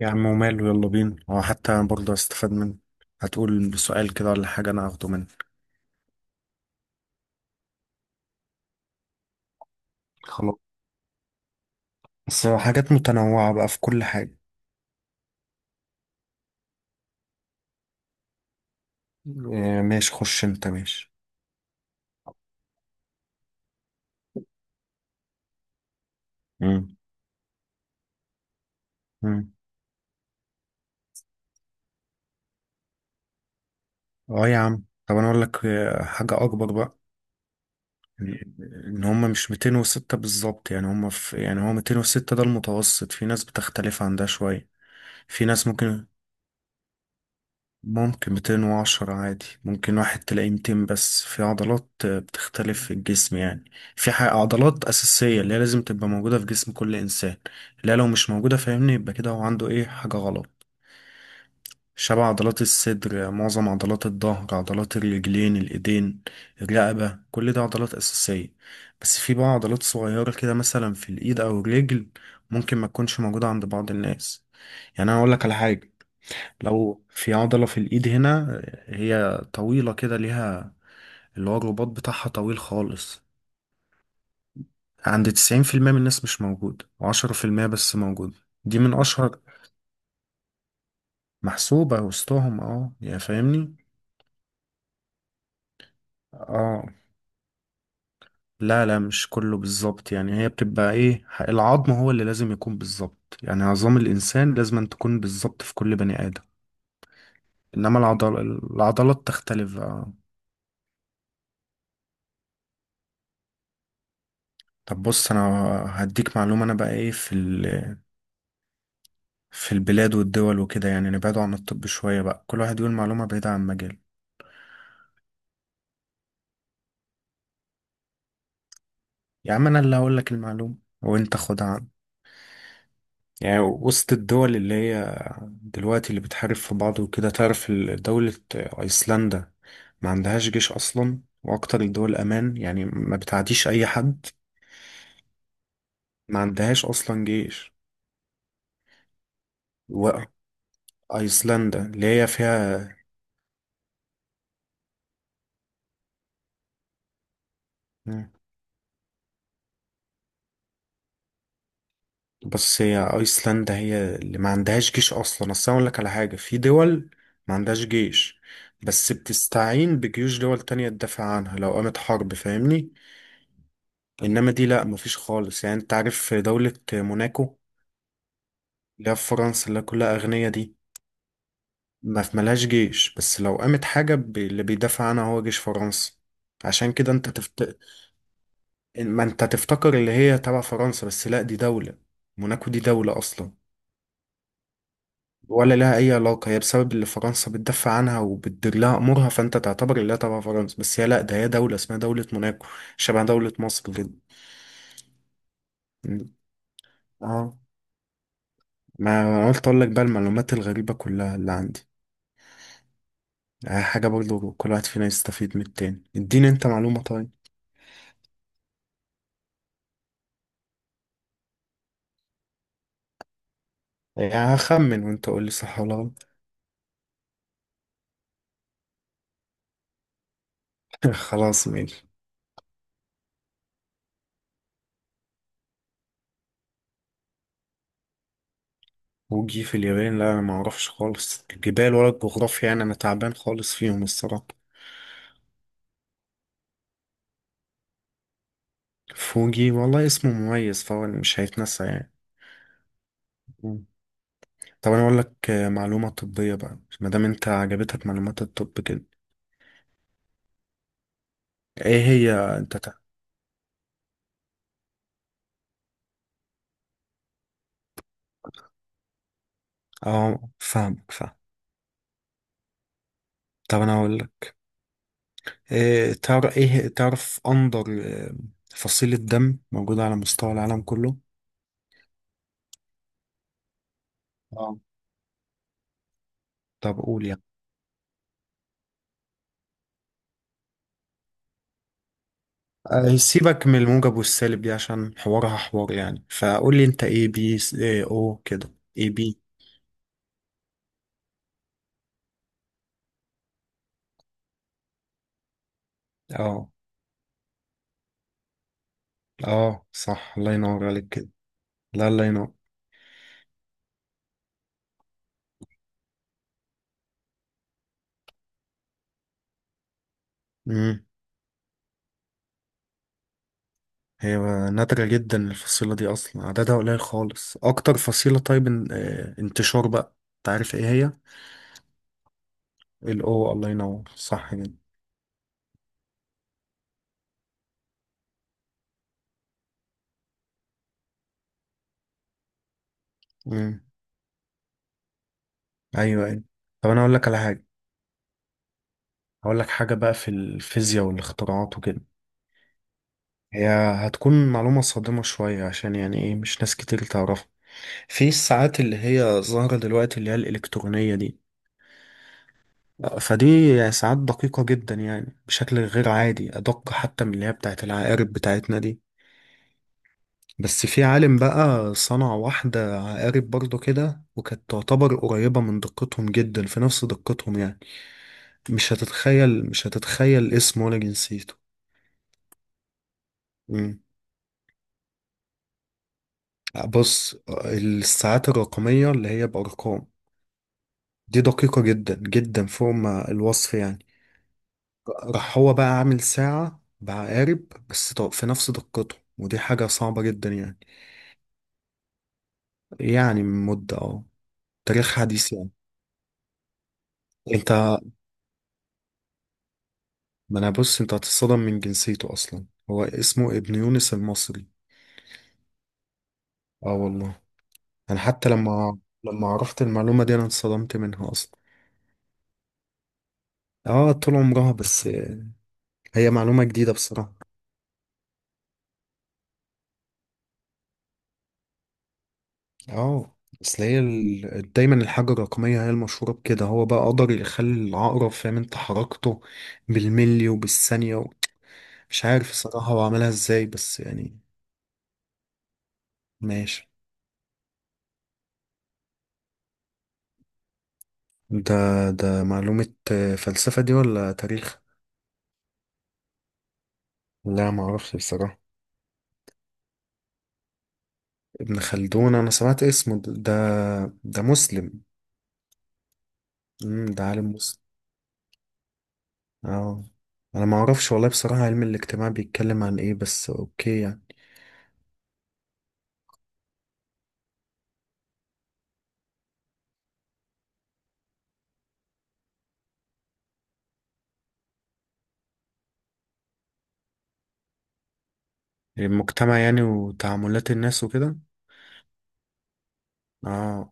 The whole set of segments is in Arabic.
يا عم وماله، يلا بينا. هو حتى أنا برضه استفاد منه. هتقول سؤال كده ولا حاجة، أنا هاخده منك. خلاص، بس حاجات متنوعة بقى في كل حاجة. آه، ماشي، خش أنت ماشي. مم. مم. أه يا عم، طب أنا أقول لك حاجة أكبر بقى. يعني إن هما مش 206 بالظبط، يعني هما في، يعني هو 206 ده المتوسط، في ناس بتختلف عن ده شوية. في ناس ممكن 210 عادي، ممكن واحد تلاقيه 200، بس في عضلات بتختلف في الجسم يعني. في عضلات أساسية اللي هي لازم تبقى موجودة في جسم كل إنسان، اللي هي لو مش موجودة، فاهمني، يبقى كده هو عنده إيه، حاجة غلط. شبه عضلات الصدر، معظم عضلات الظهر، عضلات الرجلين، الإيدين، الرقبة، كل ده عضلات أساسية. بس في بقى عضلات صغيرة كده، مثلا في الإيد أو الرجل، ممكن ما تكونش موجودة عند بعض الناس. يعني أنا أقول لك على حاجة، لو في عضلة في الإيد هنا، هي طويلة كده، ليها اللي هو الرباط بتاعها طويل خالص. عند 90% من الناس مش موجود، وعشرة في المية بس موجود. دي من أشهر، محسوبة وسطهم، اه، يا فاهمني. اه، لا لا، مش كله بالظبط يعني، هي بتبقى ايه، العظم هو اللي لازم يكون بالظبط يعني. عظام الإنسان لازم أن تكون بالظبط في كل بني آدم. إنما العضلات تختلف، اه. طب بص، أنا هديك معلومة. أنا بقى ايه، في في البلاد والدول وكده، يعني نبعدوا عن الطب شوية بقى، كل واحد يقول معلومة بعيدة عن مجاله. يا عم، أنا اللي هقول لك المعلومة وأنت خدها عني. يعني وسط الدول اللي هي دلوقتي اللي بتحارب في بعض وكده، تعرف دولة أيسلندا، ما عندهاش جيش أصلا، وأكتر الدول أمان يعني، ما بتعديش أي حد. ما عندهاش أصلا جيش. وأيسلندا اللي هي فيها، بس هي ايسلندا هي اللي ما عندهاش جيش اصلا. اصل انا اقول لك على حاجه، في دول ما عندهاش جيش، بس بتستعين بجيوش دول تانية تدافع عنها لو قامت حرب، فاهمني. انما دي لا، مفيش خالص. يعني انت عارف في دولة موناكو، اللي هي في فرنسا اللي كلها اغنية دي. ما في، ملهاش جيش، بس لو قامت حاجة، اللي بيدافع عنها هو جيش فرنسا. عشان كده انت ما انت تفتكر اللي هي تبع فرنسا، بس لا، دي دولة موناكو، دي دولة اصلا. ولا لها أي علاقة. هي بسبب اللي فرنسا بتدافع عنها وبتدير لها أمورها، فأنت تعتبر اللي هي تبع فرنسا، بس هي لأ، ده هي دولة اسمها دولة موناكو. شبه دولة مصر كده. اه، ما قلت أقول لك بقى المعلومات الغريبة كلها اللي عندي. حاجة برضو كل واحد فينا يستفيد من التاني، اديني انت معلومة طيب. يعني هخمن وانت قول لي صح ولا غلط. خلاص ماشي. وجي في اليابان. لا، انا ما اعرفش خالص الجبال ولا الجغرافيا يعني، انا تعبان خالص فيهم الصراحة. فوجي، والله اسمه مميز، فهو مش هيتنسى يعني. طب انا اقول لك معلومه طبيه بقى، ما دام انت عجبتك معلومات الطب كده. ايه هي. انت اه، فاهمك، فاهم. طب انا اقول لك، إيه، تعرف ايه، تعرف اندر فصيله دم موجوده على مستوى العالم كله. اه، طب قول يعني. سيبك من الموجب والسالب دي عشان حوارها حوار يعني. فقول لي انت ايه بي إيه او كده، ايه بي. اه. اه، صح، الله ينور عليك كده. لا، الله ينور. هي نادرة جدا الفصيلة دي، أصلا عددها قليل خالص. أكتر فصيلة، طيب، انتشار بقى، أنت عارف إيه هي؟ الأو، الله ينور، صح كده. مم. أيوه أيوه. طب أنا أقول لك على حاجة. هقول لك حاجة بقى في الفيزياء والاختراعات وكده. هي هتكون معلومة صادمة شوية، عشان يعني إيه، مش ناس كتير تعرفها. في الساعات اللي هي ظاهرة دلوقتي اللي هي الإلكترونية دي، فدي يعني ساعات دقيقة جدا يعني، بشكل غير عادي، أدق حتى من اللي هي بتاعت العقارب بتاعتنا دي. بس في عالم بقى صنع واحدة عقارب برضو كده، وكانت تعتبر قريبة من دقتهم جدا، في نفس دقتهم يعني. مش هتتخيل، مش هتتخيل اسمه ولا جنسيته. مم. بص، الساعات الرقمية اللي هي بأرقام دي دقيقة جدا جدا فوق ما الوصف يعني. راح هو بقى عامل ساعة بعقارب، بس في نفس دقته، ودي حاجة صعبة جدا يعني. يعني من مدة، اه، تاريخ حديث يعني. انت، ما انا بص، انت هتتصدم من جنسيته اصلا. هو اسمه ابن يونس المصري. اه والله. انا حتى لما عرفت المعلومة دي، انا انصدمت منها اصلا. اه، طول عمرها بس. هي معلومة جديدة بصراحة. اه، اصل هي دايما الحاجة الرقمية هي المشهورة بكده. هو بقى قدر يخلي العقرب فاهم انت حركته بالملي وبالثانية مش عارف الصراحة هو عملها ازاي بس يعني. ماشي. ده ده معلومة فلسفة دي ولا تاريخ؟ لا، معرفش بصراحة. ابن خلدون، انا سمعت اسمه، ده مسلم؟ امم، ده عالم مسلم. اه، انا ما اعرفش والله بصراحة علم الاجتماع بيتكلم عن ايه، بس اوكي يعني. المجتمع يعني وتعاملات الناس وكده. اه،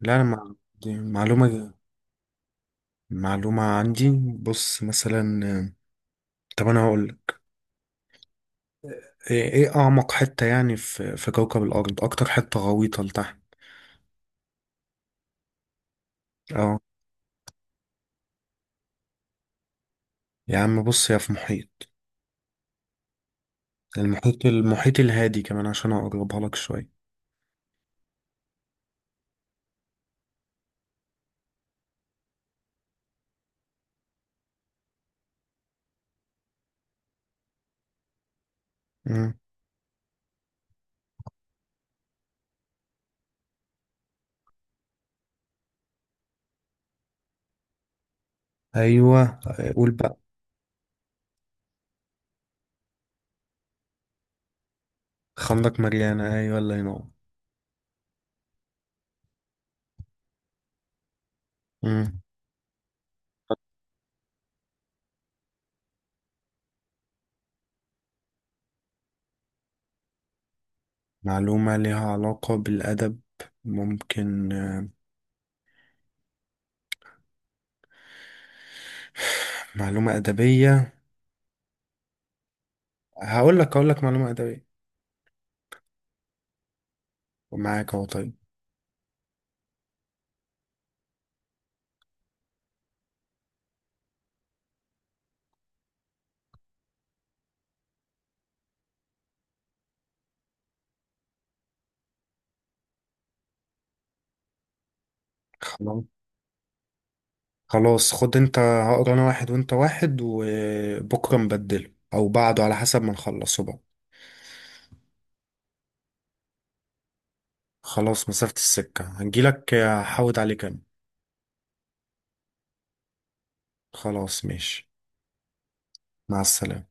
لا انا دي معلومة، معلومة عندي. بص مثلا طب انا هقول لك. ايه، اعمق حتة يعني في في كوكب الارض، اكتر حتة غويطة لتحت. اه يا عم، بص، يا في محيط. المحيط، المحيط الهادي، كمان عشان اقربها لك شوية. ايوه، قول بقى. خندق مريانة، ايوه الله ينور. مم. معلومة ليها علاقة بالأدب، ممكن معلومة أدبية. هقول لك معلومة أدبية. معاك أهو طيب. خلاص، خلاص خد أنت، هقرا أنا واحد وأنت واحد، وبكرة نبدله أو بعده على حسب ما نخلصه بقى. خلاص، مسافة السكة هنجيلك، هحود عليك أنا. خلاص ماشي. مع السلامة.